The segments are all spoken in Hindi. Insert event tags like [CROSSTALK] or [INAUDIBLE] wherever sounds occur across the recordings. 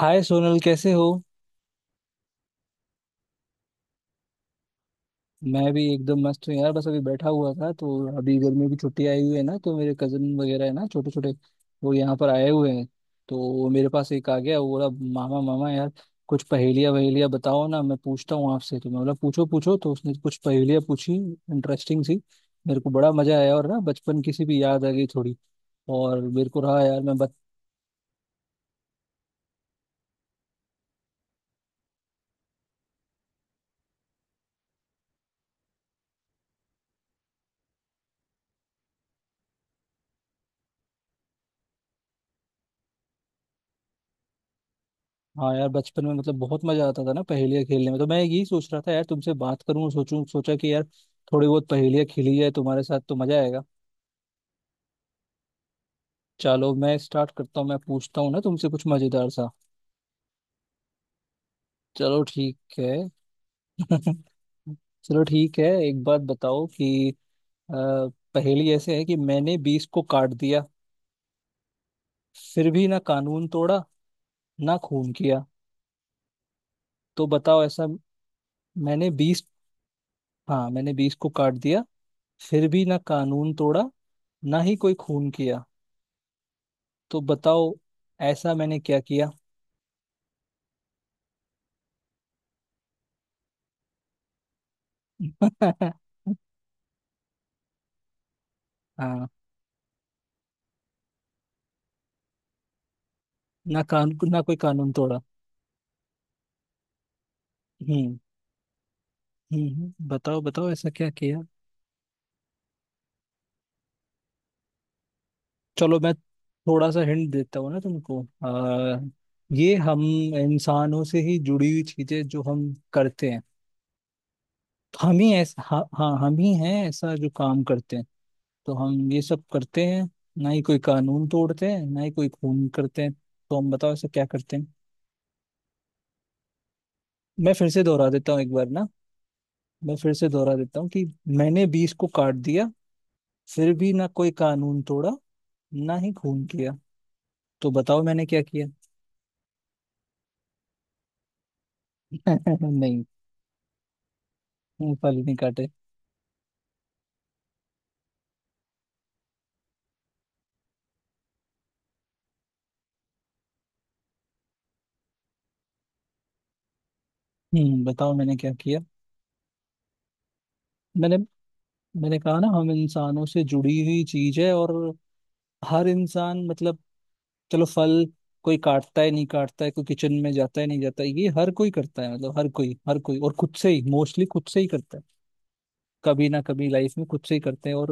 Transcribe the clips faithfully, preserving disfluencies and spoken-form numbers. हाय सोनल, कैसे हो। मैं भी एकदम मस्त हूँ यार। बस अभी बैठा हुआ था तो अभी गर्मी की छुट्टी आई हुई है ना, तो मेरे कजन वगैरह है ना, छोटे छोटे वो यहाँ पर आए हुए हैं। तो वो मेरे पास एक आ गया, वो बोला मामा मामा, यार कुछ पहेलियाँ वहेलियाँ बताओ ना, मैं पूछता हूँ आपसे। तो मैं बोला पूछो पूछो। तो उसने कुछ पहेलियाँ पूछी, इंटरेस्टिंग सी। मेरे को बड़ा मजा आया और ना बचपन की सी भी याद आ गई थोड़ी। और मेरे को रहा यार मैं। हाँ यार, बचपन में मतलब बहुत मजा आता था ना पहेलियाँ खेलने में। तो मैं यही सोच रहा था यार, तुमसे बात करूं, सोचूं, सोचा कि यार थोड़ी बहुत पहेलियाँ खेली जाए तुम्हारे साथ तो मजा आएगा। चलो मैं स्टार्ट करता हूँ, मैं पूछता हूँ ना तुमसे कुछ मजेदार सा। चलो ठीक है। [LAUGHS] चलो ठीक है, एक बात बताओ कि अ, पहेली ऐसे है कि मैंने बीस को काट दिया, फिर भी ना कानून तोड़ा, ना खून किया। तो बताओ ऐसा। मैंने बीस। हाँ, मैंने बीस को काट दिया, फिर भी ना कानून तोड़ा, ना ही कोई खून किया। तो बताओ ऐसा मैंने क्या किया। [LAUGHS] हाँ। ना कानून ना कोई कानून तोड़ा। हम्म, हम्म, हम्म। बताओ बताओ ऐसा क्या किया। चलो मैं थोड़ा सा हिंट देता हूँ ना तुमको। आ, ये हम इंसानों से ही जुड़ी हुई चीजें जो हम करते हैं। तो हम ही ऐसा, हाँ हाँ, हम ही हैं ऐसा जो काम करते हैं। तो हम ये सब करते हैं, ना ही कोई कानून तोड़ते हैं, ना ही कोई खून करते हैं। तो हम बताओ ऐसा क्या करते हैं। मैं फिर से दोहरा देता हूँ एक बार ना, मैं फिर से दोहरा देता हूँ कि मैंने बीस को काट दिया, फिर भी ना कोई कानून तोड़ा, ना ही खून किया। तो बताओ मैंने क्या किया। [LAUGHS] नहीं, फल नहीं काटे। हम्म बताओ मैंने क्या किया। मैंने मैंने कहा ना हम इंसानों से जुड़ी हुई चीज है। और हर इंसान मतलब, चलो फल कोई काटता है, नहीं काटता है, कोई किचन में जाता है, नहीं जाता है, ये हर कोई करता है। मतलब हर कोई, हर कोई, और खुद से ही मोस्टली, खुद से ही करता है। कभी ना कभी लाइफ में खुद से ही करते हैं, और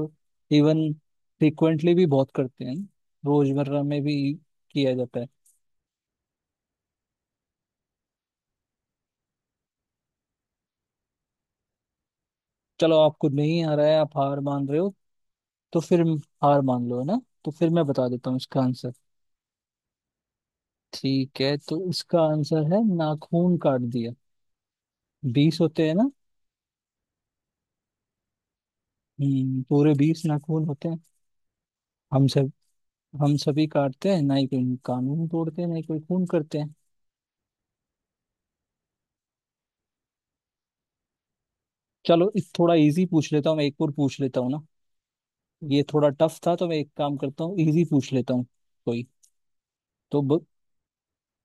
इवन फ्रिक्वेंटली भी बहुत करते हैं, रोजमर्रा में भी किया जाता है। चलो आपको नहीं आ रहा है, आप हार मान रहे हो तो फिर हार मान लो है ना। तो फिर मैं बता देता हूँ इसका आंसर। ठीक है, तो इसका आंसर है नाखून काट दिया। बीस होते हैं ना। हम्म, पूरे बीस नाखून होते हैं। हम सब हम सभी काटते हैं, ना ही कोई कानून तोड़ते हैं, ना ही कोई खून करते हैं। चलो इस थोड़ा इजी पूछ लेता हूँ, मैं एक और पूछ लेता हूँ ना। ये थोड़ा टफ था, तो मैं एक काम करता हूँ, इजी पूछ लेता हूँ कोई। तो ब...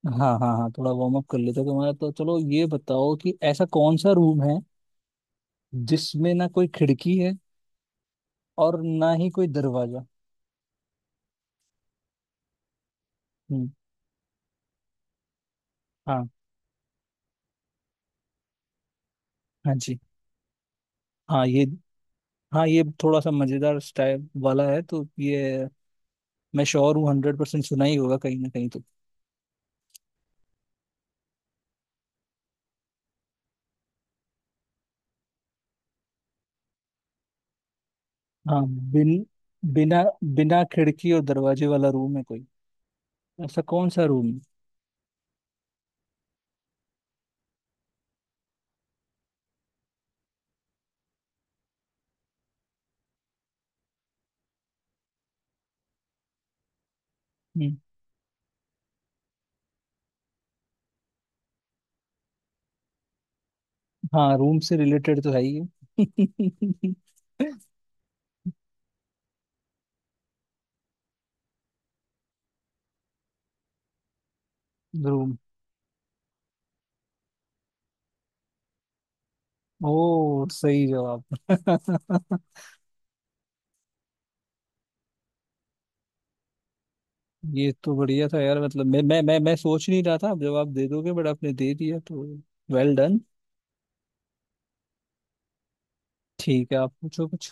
हाँ हाँ हाँ, थोड़ा वार्म अप कर लेते हैं तुम्हारा, तो चलो ये बताओ कि ऐसा कौन सा रूम है जिसमें ना कोई खिड़की है और ना ही कोई दरवाजा। हम्म, हाँ, हाँ जी, हाँ ये हाँ ये थोड़ा सा मजेदार स्टाइल वाला है, तो ये मैं श्योर हूँ हंड्रेड परसेंट सुना ही होगा कहीं ना कहीं तो। हाँ, बिन बिना बिना खिड़की और दरवाजे वाला रूम है कोई। ऐसा कौन सा रूम है। हम्म। हाँ, रूम से रिलेटेड तो है ही है। [LAUGHS] रूम। ओ सही जवाब। [LAUGHS] ये तो बढ़िया था यार, मतलब मैं मैं मैं मैं सोच नहीं रहा था आप जवाब दे दोगे, बट आपने दे दिया तो वेल डन। ठीक है, आप पूछो कुछ।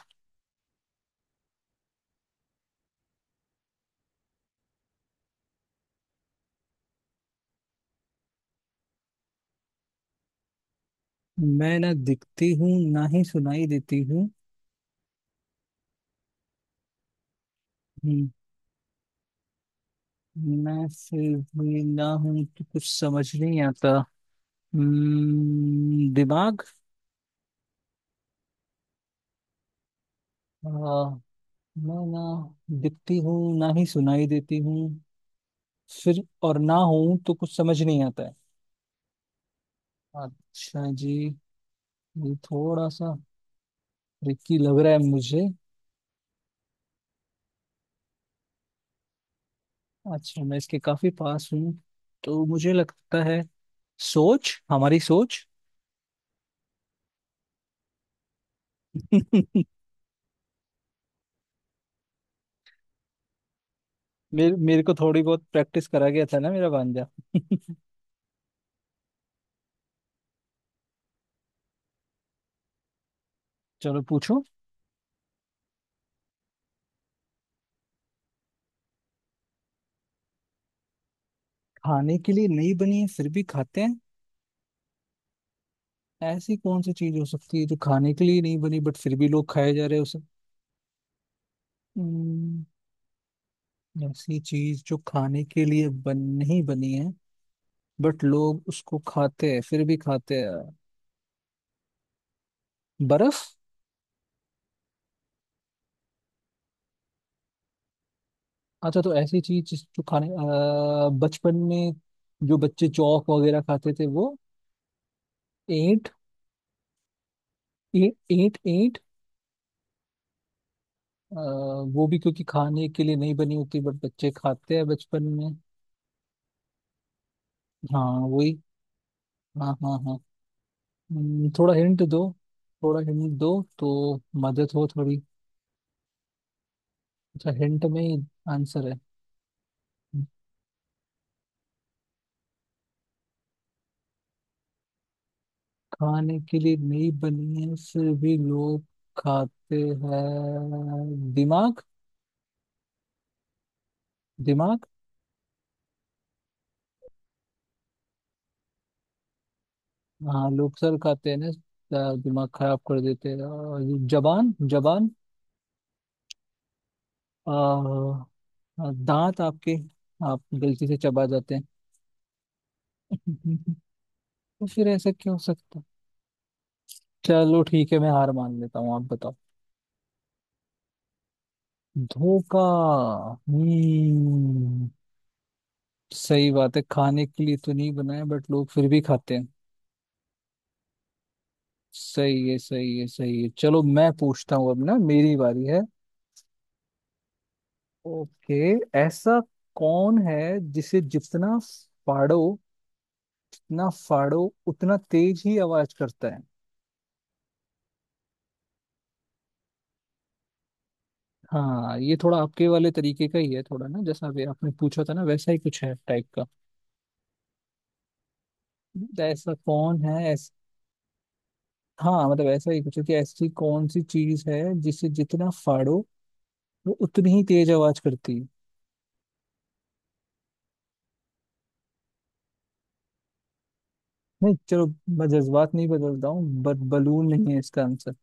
मैं ना दिखती हूँ, ना ही सुनाई देती हूँ। हम्म। मैं फिर भी ना हूँ तो कुछ समझ नहीं आता। हम्म, दिमाग। आ, मैं ना दिखती हूँ, ना ही सुनाई देती हूँ। फिर और ना हूं तो कुछ समझ नहीं आता है। अच्छा जी, ये थोड़ा सा ट्रिकी लग रहा है मुझे। अच्छा, मैं इसके काफी पास हूँ तो मुझे लगता है, सोच हमारी सोच। [LAUGHS] मेरे मेरे को थोड़ी बहुत प्रैक्टिस करा गया था ना मेरा भांजा। [LAUGHS] चलो पूछो। खाने के लिए नहीं बनी है फिर भी खाते हैं? ऐसी कौन सी चीज हो सकती है जो खाने के लिए नहीं बनी, बट फिर भी लोग खाए जा रहे हैं उसे? हम्म, ऐसी चीज जो खाने के लिए बन नहीं बनी है, बट लोग उसको खाते हैं, फिर भी खाते हैं। बर्फ? अच्छा, तो ऐसी चीज जिस- जो खाने अ, बचपन में जो बच्चे चौक वगैरह खाते थे, वो ईंट। ईंट ईंट ईंट। अ, वो भी क्योंकि खाने के लिए नहीं बनी होती, बट बच्चे खाते हैं बचपन में। हाँ वही। हाँ हाँ हाँ। हम्म, थोड़ा हिंट दो। थोड़ा हिंट दो तो मदद हो थोड़ी। अच्छा, हिंट में ही आंसर है? खाने के लिए नहीं बनी है, फिर भी लोग खाते हैं। दिमाग। दिमाग। हाँ लोग सर खाते हैं ना। अ, दिमाग खराब कर देते हैं और जबान। जबान। अ, अ, दांत आपके। आप गलती से चबा जाते हैं। [LAUGHS] तो फिर ऐसा क्या हो सकता है? चलो ठीक है, मैं हार मान लेता हूँ। आप बताओ। धोखा। हम्म सही बात है, खाने के लिए तो नहीं बना है, बट लोग फिर भी खाते हैं। सही है, सही है, सही है। चलो मैं पूछता हूँ अब ना, मेरी बारी है। ओके। ऐसा कौन है जिसे जितना फाड़ो जितना फाड़ो उतना तेज ही आवाज करता है? हाँ, ये थोड़ा आपके वाले तरीके का ही है थोड़ा ना, जैसा अभी आपने पूछा था ना वैसा ही कुछ है टाइप का। तो ऐसा कौन है। ऐस... हाँ मतलब ऐसा ही कुछ है कि ऐसी कौन सी चीज है जिसे जितना फाड़ो वो उतनी ही तेज आवाज करती है? नहीं, चलो मैं जज्बात नहीं बदलता हूँ, बट बलून नहीं है इसका आंसर।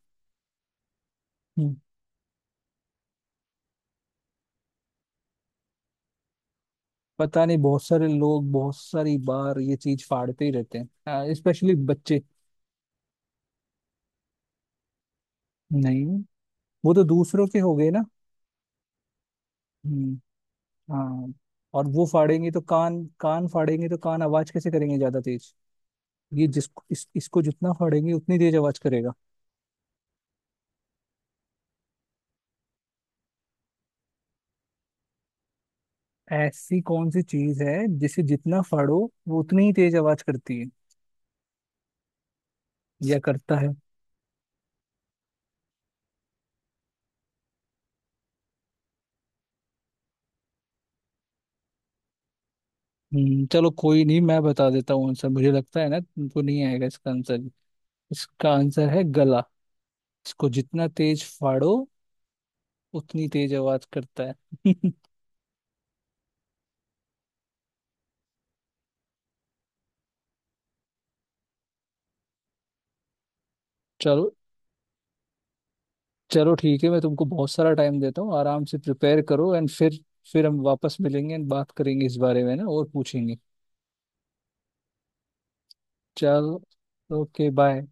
पता नहीं, बहुत सारे लोग बहुत सारी बार ये चीज फाड़ते ही रहते हैं, स्पेशली बच्चे। नहीं, वो तो दूसरों के हो गए ना। हम्म, हाँ। और वो फाड़ेंगे तो कान, कान फाड़ेंगे तो कान आवाज कैसे करेंगे ज्यादा तेज? ये जिसको इस, इसको जितना फाड़ेंगे उतनी तेज आवाज करेगा। ऐसी कौन सी चीज है जिसे जितना फाड़ो वो उतनी ही तेज आवाज करती है, या करता है? हम्म चलो कोई नहीं, मैं बता देता हूँ आंसर, मुझे लगता है ना तुमको नहीं आएगा इसका आंसर। इसका आंसर है गला। इसको जितना तेज फाड़ो उतनी तेज आवाज करता है। [LAUGHS] चलो। चलो ठीक है, मैं तुमको बहुत सारा टाइम देता हूँ, आराम से प्रिपेयर करो, एंड फिर फिर हम वापस मिलेंगे एंड बात करेंगे इस बारे में ना और पूछेंगे। चलो ओके बाय।